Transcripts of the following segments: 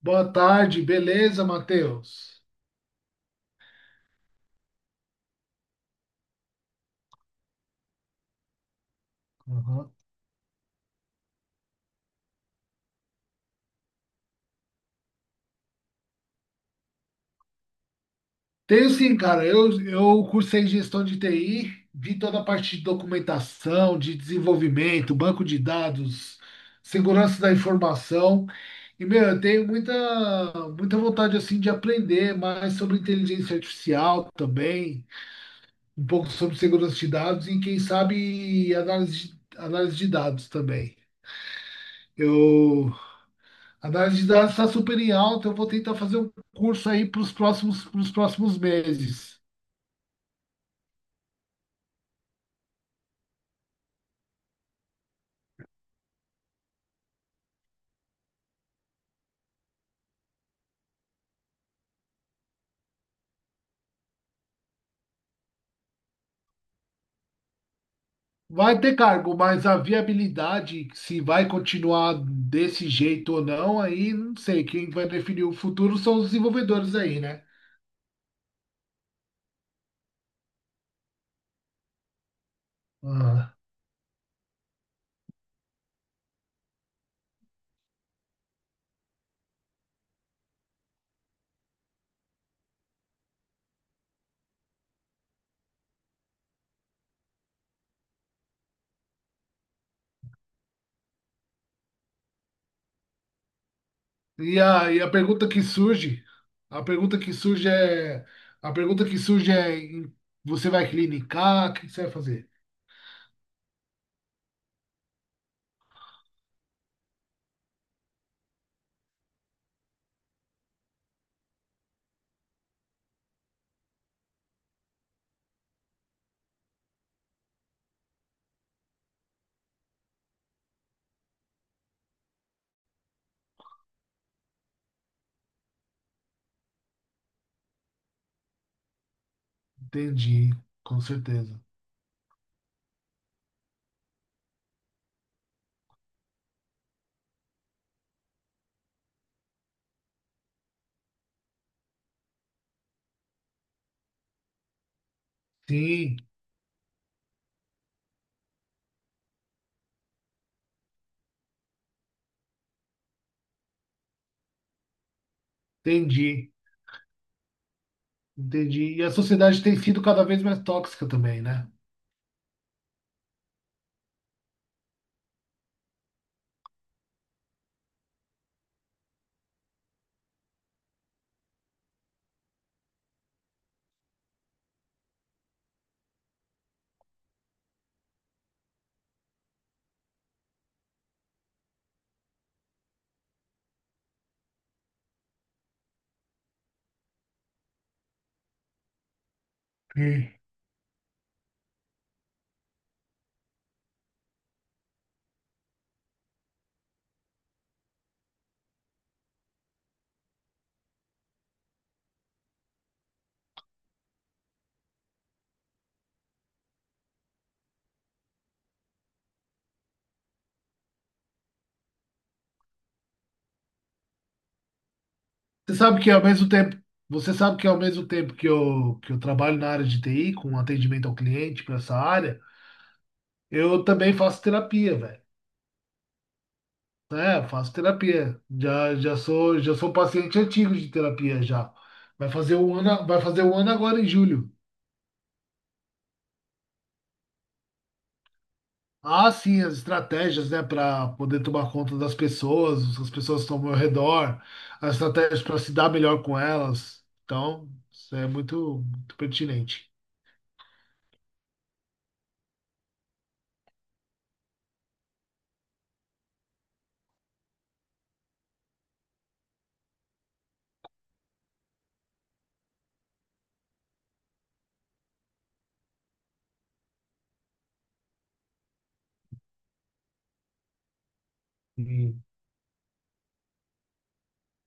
Boa tarde, beleza, Matheus? Uhum. Tenho sim, cara. Eu cursei gestão de TI, vi toda a parte de documentação, de desenvolvimento, banco de dados, segurança da informação. E, meu, eu tenho muita vontade, assim, de aprender mais sobre inteligência artificial também, um pouco sobre segurança de dados e, quem sabe, análise de dados também. Eu A análise de dados está super em alta. Eu vou tentar fazer um curso aí para pros próximos meses. Vai ter cargo, mas a viabilidade, se vai continuar desse jeito ou não, aí não sei. Quem vai definir o futuro são os desenvolvedores aí, né? Ah. E a pergunta que a pergunta que surge é, a pergunta que surge é, você vai clinicar? O que você vai fazer? Entendi, com certeza. Sim, entendi. Entendi. E a sociedade tem sido cada vez mais tóxica também, né? Hum. Você sabe que ao mesmo tempo, Você sabe que ao mesmo tempo que eu trabalho na área de TI, com atendimento ao cliente para essa área, eu também faço terapia, velho. É, faço terapia. Já sou paciente antigo de terapia já. Vai fazer um ano agora em julho. Ah, sim, as estratégias, né, para poder tomar conta das pessoas, as pessoas que estão ao meu redor, as estratégias para se dar melhor com elas. Então, isso é muito, muito pertinente. Sim,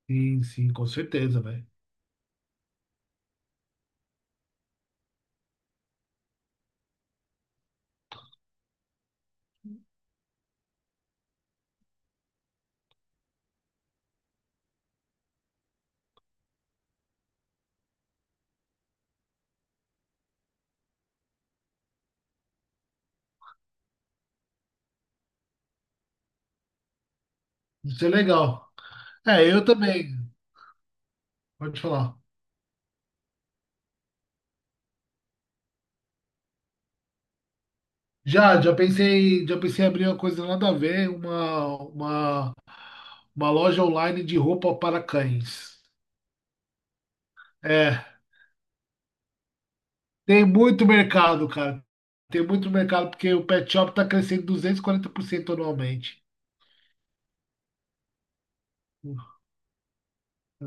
sim, sim, com certeza, velho. Isso é legal. É, eu também. Pode falar. Já pensei em abrir uma coisa nada a ver, uma loja online de roupa para cães. É. Tem muito mercado, cara. Tem muito mercado, porque o pet shop está crescendo 240% anualmente.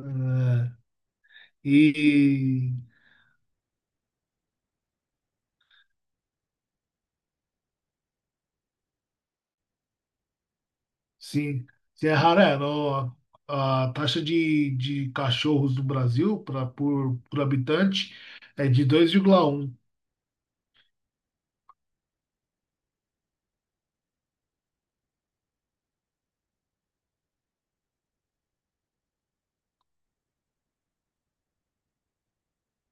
É, e, sim, se é raro, é, a taxa de cachorros no Brasil por habitante é de 2,1.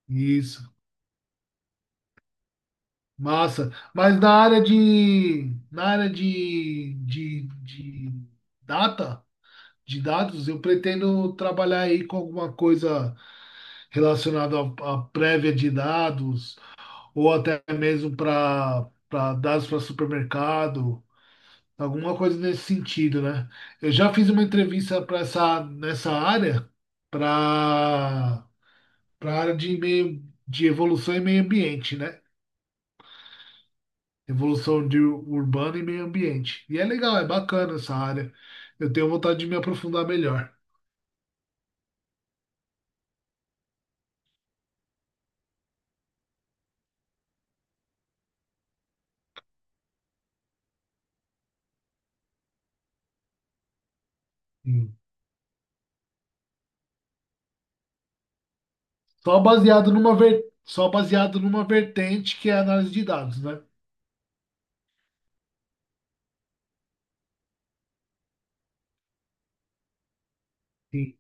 Isso, massa. Mas na área data, de dados, eu pretendo trabalhar aí com alguma coisa relacionada à prévia de dados, ou até mesmo para dados para supermercado, alguma coisa nesse sentido, né? Eu já fiz uma entrevista para essa nessa área, para para área de evolução e meio ambiente, né? Evolução de urbana e meio ambiente. E é legal, é bacana essa área. Eu tenho vontade de me aprofundar melhor. Só baseado numa vertente que é a análise de dados, né? Sim.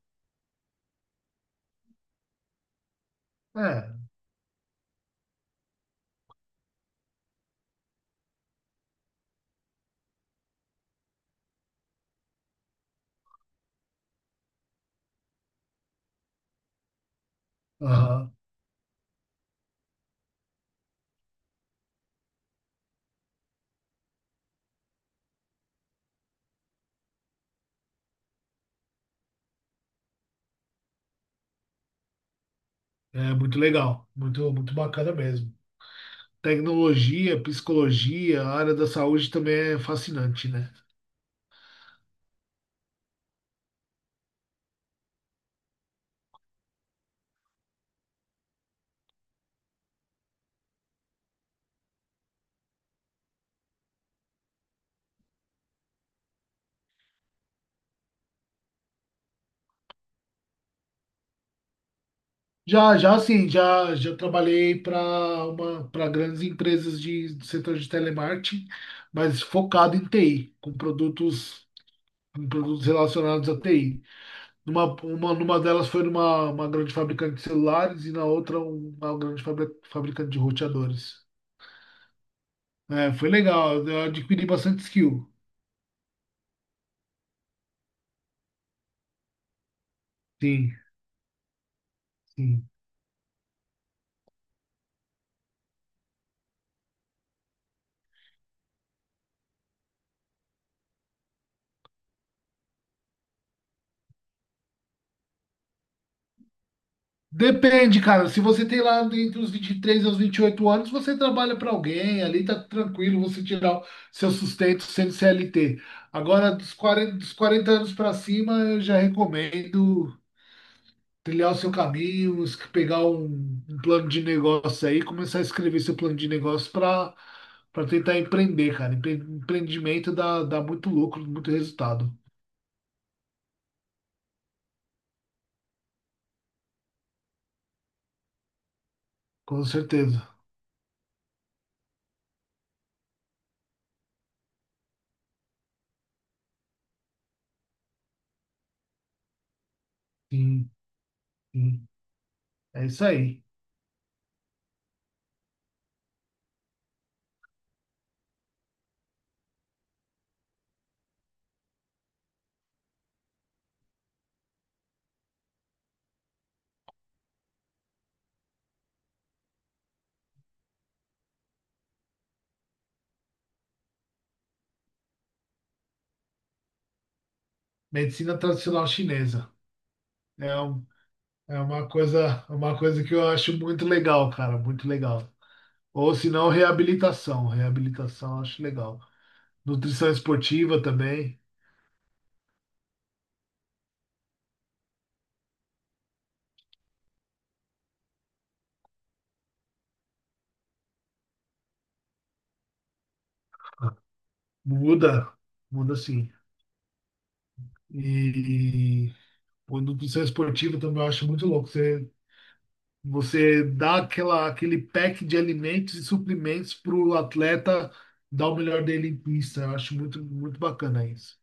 É, aham. É muito legal, muito, muito bacana mesmo. Tecnologia, psicologia, a área da saúde também é fascinante, né? Já trabalhei para grandes empresas do setor de telemarketing, mas focado em TI, com produtos, relacionados à TI. Numa delas foi numa uma grande fabricante de celulares e na outra uma grande fabricante de roteadores. É, foi legal, eu adquiri bastante skill. Sim, sim. Depende, cara. Se você tem lá entre os 23 e os 28 anos, você trabalha para alguém, ali tá tranquilo você tirar o seu sustento sendo CLT. Agora, dos 40 anos para cima, eu já recomendo. Trilhar o seu caminho, pegar um plano de negócio aí, começar a escrever seu plano de negócio para tentar empreender, cara. Empreendimento dá muito lucro, muito resultado, com certeza. Sim, sim. É isso aí. Medicina tradicional chinesa. É, é uma coisa, que eu acho muito legal, cara, muito legal. Ou se não, reabilitação. Reabilitação eu acho legal. Nutrição esportiva também. Muda, muda sim. E o nutrição esportiva também eu acho muito louco. Você dá aquele pack de alimentos e suplementos para o atleta dar o melhor dele em pista. Eu acho muito, muito bacana isso.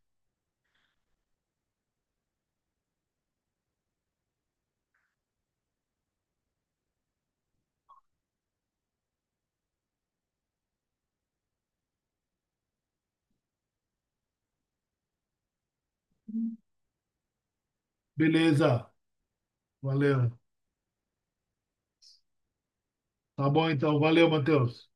Beleza, valeu. Tá bom então, valeu, Matheus.